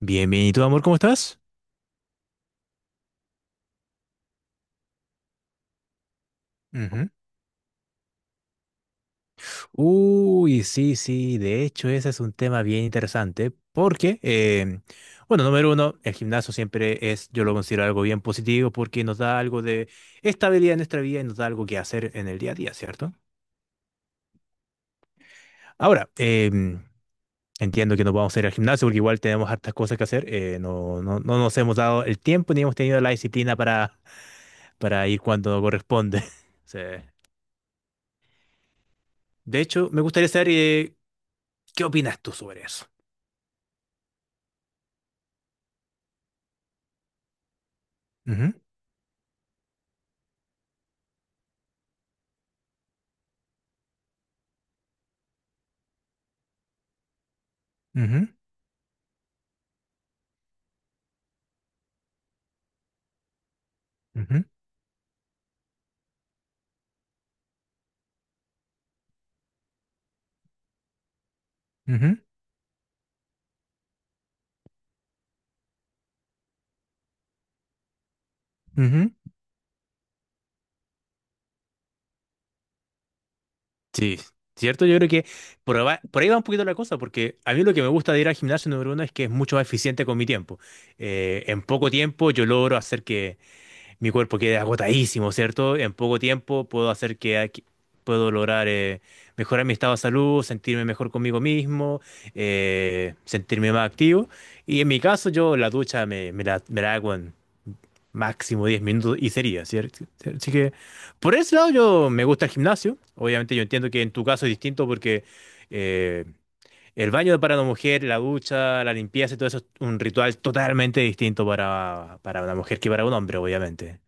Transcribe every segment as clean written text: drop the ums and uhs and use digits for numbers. Bien, bien. ¿Y tú, amor, cómo estás? Ujú. Uy, sí, sí. De hecho, ese es un tema bien interesante porque, bueno, número uno, el gimnasio siempre es, yo lo considero algo bien positivo porque nos da algo de estabilidad en nuestra vida y nos da algo que hacer en el día a día, ¿cierto? Ahora, entiendo que nos vamos a ir al gimnasio porque igual tenemos hartas cosas que hacer. No nos hemos dado el tiempo ni hemos tenido la disciplina para ir cuando corresponde. Sí. De hecho, me gustaría saber, ¿qué opinas tú sobre eso? Ujú, ujú, ujú, ujú, ujú. Sí, cierto, yo creo que por ahí va un poquito la cosa, porque a mí lo que me gusta de ir al gimnasio número uno es que es mucho más eficiente con mi tiempo. En poco tiempo yo logro hacer que mi cuerpo quede agotadísimo, ¿cierto? En poco tiempo puedo hacer que puedo lograr mejorar mi estado de salud, sentirme mejor conmigo mismo, sentirme más activo. Y en mi caso, yo la ducha me la hago en máximo 10 minutos y sería, ¿cierto? Así que por ese lado yo me gusta el gimnasio. Obviamente yo entiendo que en tu caso es distinto porque eh, el baño para una mujer, la ducha, la limpieza y todo eso es un ritual totalmente distinto para una mujer que para un hombre, obviamente.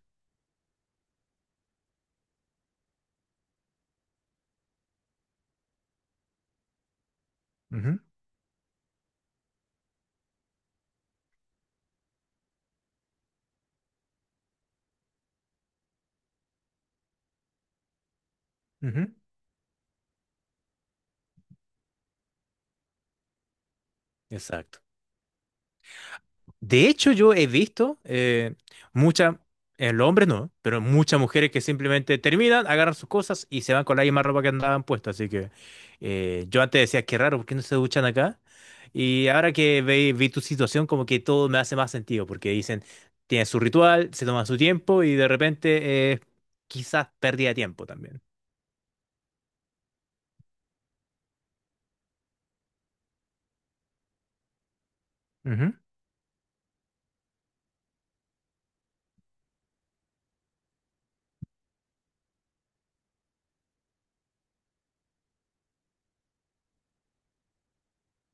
Ujú, ujú. Exacto. De hecho, yo he visto muchas, el hombre no, pero muchas mujeres que simplemente terminan, agarran sus cosas y se van con la misma ropa que andaban puesta. Así que yo antes decía, qué raro, ¿por qué no se duchan acá? Y ahora que vi, tu situación, como que todo me hace más sentido, porque dicen, tienen su ritual, se toman su tiempo y de repente quizás pérdida de tiempo también. Ujú,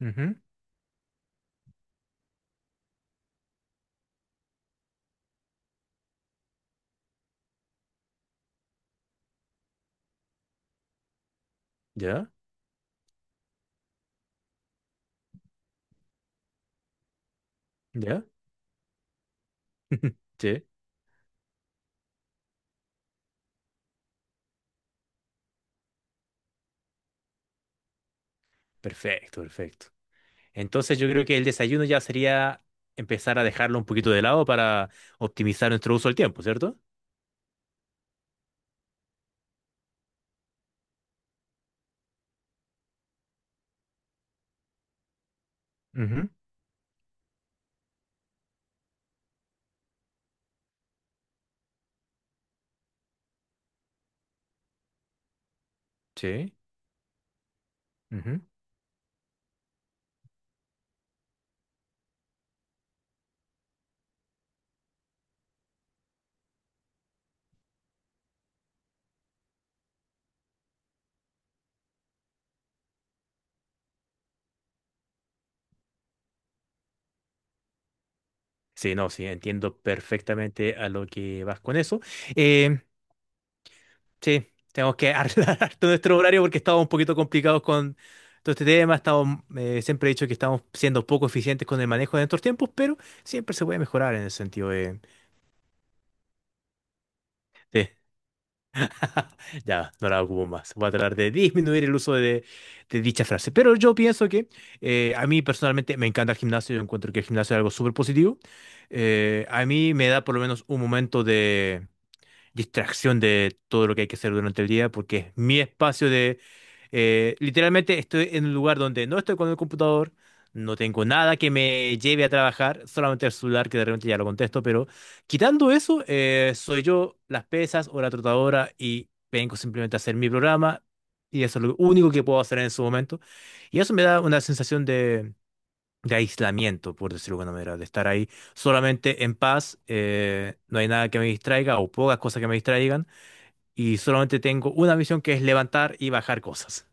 ujú. ¿Ya? ¿Ya? Sí, perfecto, perfecto. Entonces yo creo que el desayuno ya sería empezar a dejarlo un poquito de lado para optimizar nuestro uso del tiempo, ¿cierto? Ujú. Sí. Ujú. Sí, no, sí, entiendo perfectamente a lo que vas con eso. Eh, sí, tenemos que arreglar todo nuestro horario porque estamos un poquito complicados con todo este tema. Siempre he dicho que estamos siendo poco eficientes con el manejo de nuestros tiempos, pero siempre se puede mejorar en el sentido de, de- Ya, no la ocupo más. Voy a tratar de disminuir el uso de dicha frase. Pero yo pienso que a mí personalmente me encanta el gimnasio. Yo encuentro que el gimnasio es algo súper positivo. A mí me da por lo menos un momento distracción de todo lo que hay que hacer durante el día, porque es mi espacio de, literalmente estoy en un lugar donde no estoy con el computador, no tengo nada que me lleve a trabajar, solamente el celular que de repente ya lo contesto, pero quitando eso, soy yo, las pesas o la trotadora y vengo simplemente a hacer mi programa y eso es lo único que puedo hacer en su momento. Y eso me da una sensación de aislamiento, por decirlo de alguna manera, de estar ahí solamente en paz, no hay nada que me distraiga o pocas cosas que me distraigan, y solamente tengo una misión que es levantar y bajar cosas.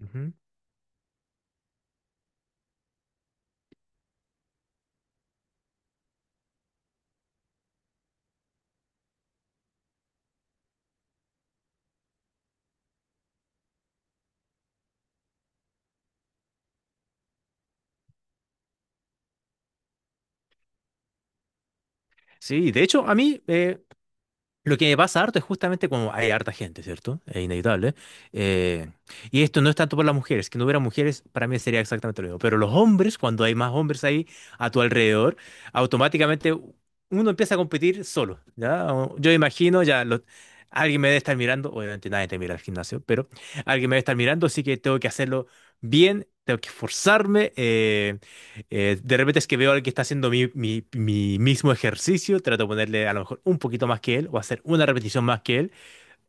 Ujú. Sí, de hecho, a mí, lo que me pasa harto es justamente como hay harta gente, ¿cierto? Es inevitable. eh, y esto no es tanto por las mujeres, que no hubiera mujeres para mí sería exactamente lo mismo. Pero los hombres, cuando hay más hombres ahí a tu alrededor, automáticamente uno empieza a competir solo, ¿ya? Yo imagino, alguien me debe estar mirando, obviamente nadie te mira al gimnasio, pero alguien me debe estar mirando, así que tengo que hacerlo bien, tengo que esforzarme. De repente es que veo al que está haciendo mi mismo ejercicio, trato de ponerle a lo mejor un poquito más que él o hacer una repetición más que él,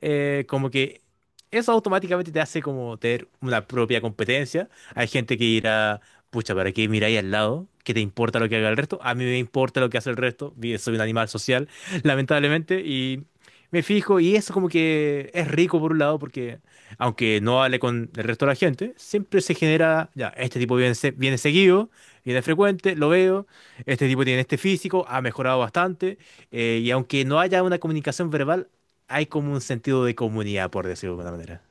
como que eso automáticamente te hace como tener una propia competencia. Hay gente que irá, pucha, ¿para qué miráis al lado? ¿Qué te importa lo que haga el resto? A mí me importa lo que hace el resto. Soy un animal social, lamentablemente, y me fijo, y eso como que es rico por un lado, porque aunque no hable con el resto de la gente, siempre se genera, ya, este tipo viene, viene seguido, viene frecuente, lo veo, este tipo tiene este físico, ha mejorado bastante, y aunque no haya una comunicación verbal, hay como un sentido de comunidad, por decirlo de alguna manera.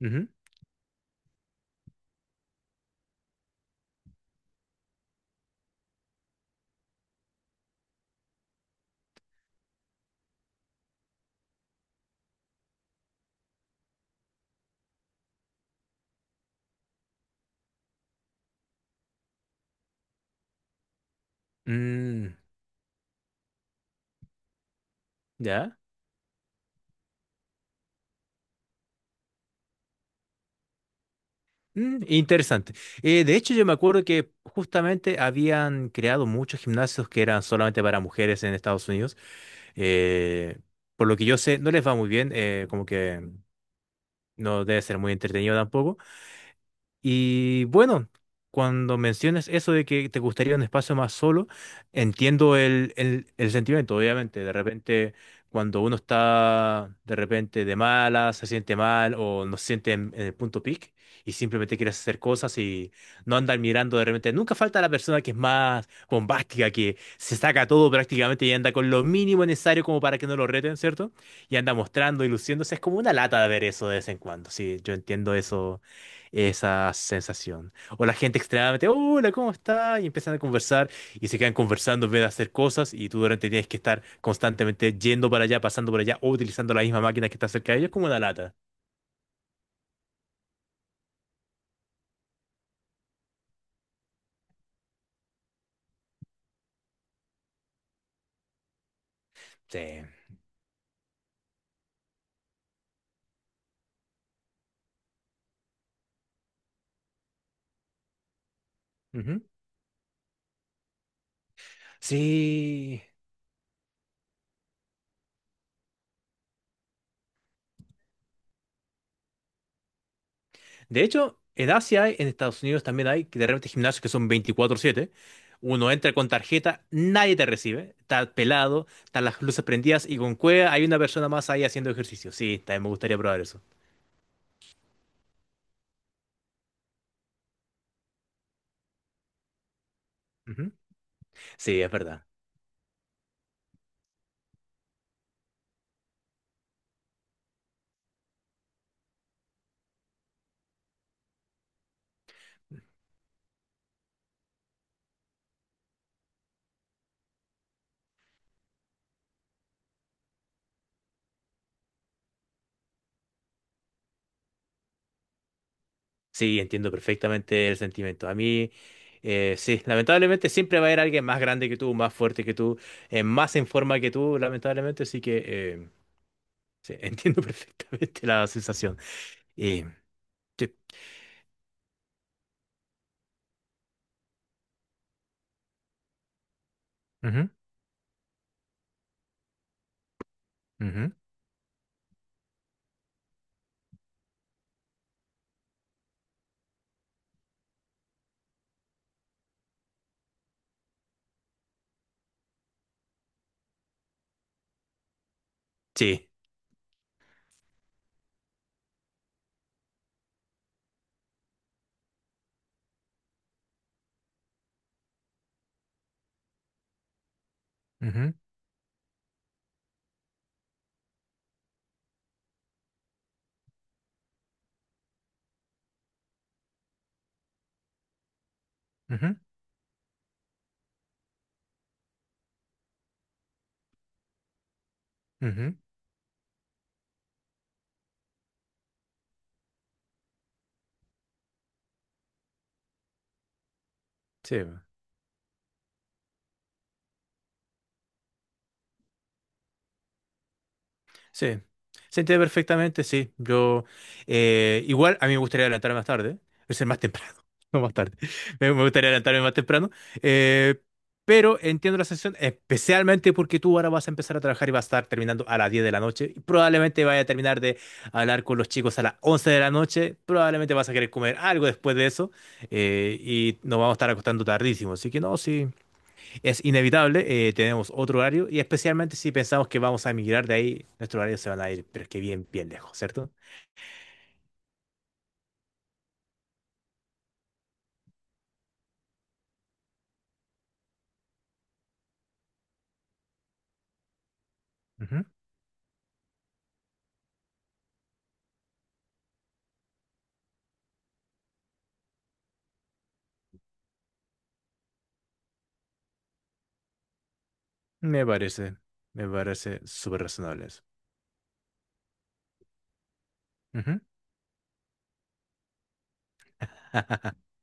Ujú. Mm, ya. Mm, interesante. De hecho, yo me acuerdo que justamente habían creado muchos gimnasios que eran solamente para mujeres en Estados Unidos. Eh, por lo que yo sé, no les va muy bien, como que no debe ser muy entretenido tampoco. Y bueno, cuando mencionas eso de que te gustaría un espacio más solo, entiendo el sentimiento, obviamente. De repente, cuando uno está de repente de mala, se siente mal o no se siente en el punto peak y simplemente quieres hacer cosas y no andar mirando de repente. Nunca falta la persona que es más bombástica, que se saca todo prácticamente y anda con lo mínimo necesario como para que no lo reten, ¿cierto? Y anda mostrando y luciéndose. Es como una lata de ver eso de vez en cuando. Sí, yo entiendo eso esa sensación. O la gente extremadamente, hola, ¿cómo está? Y empiezan a conversar y se quedan conversando en vez de hacer cosas y tú durante tienes que estar constantemente yendo para allá, pasando por allá o utilizando la misma máquina que está cerca de ellos como una lata. Sí. Ujú. Sí. De hecho, en Asia, en Estados Unidos también hay que de repente gimnasios que son 24/7. Uno entra con tarjeta, nadie te recibe, está pelado, están las luces prendidas y con cueva hay una persona más ahí haciendo ejercicio. Sí, también me gustaría probar eso. Ujú. Sí, es verdad. Sí, entiendo perfectamente el sentimiento. A mí, sí, lamentablemente siempre va a haber alguien más grande que tú, más fuerte que tú, más en forma que tú, lamentablemente, así que sí, entiendo perfectamente la sensación. Y, sí, ujú, ujú, sí, ujú, ujú, ujú, sí. Sí, se entiende perfectamente, sí. Yo, igual a mí me gustaría adelantarme más tarde, es más temprano, no más tarde. Me gustaría adelantarme más temprano, eh, pero entiendo la sensación, especialmente porque tú ahora vas a empezar a trabajar y vas a estar terminando a las 10 de la noche. Y probablemente vaya a terminar de hablar con los chicos a las 11 de la noche. Probablemente vas a querer comer algo después de eso, y nos vamos a estar acostando tardísimo. Así que no, sí es inevitable, tenemos otro horario y especialmente si pensamos que vamos a emigrar de ahí, nuestros horarios se van a ir, pero es que bien, bien lejos, ¿cierto? Ujú. Me parece, me parece súper razonable eso. Ujú.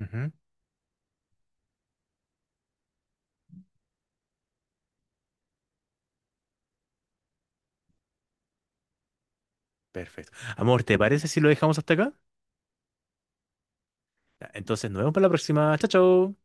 Ujú. Perfecto. Amor, ¿te parece si lo dejamos hasta acá? Ya, entonces nos vemos para la próxima. Chao, chao.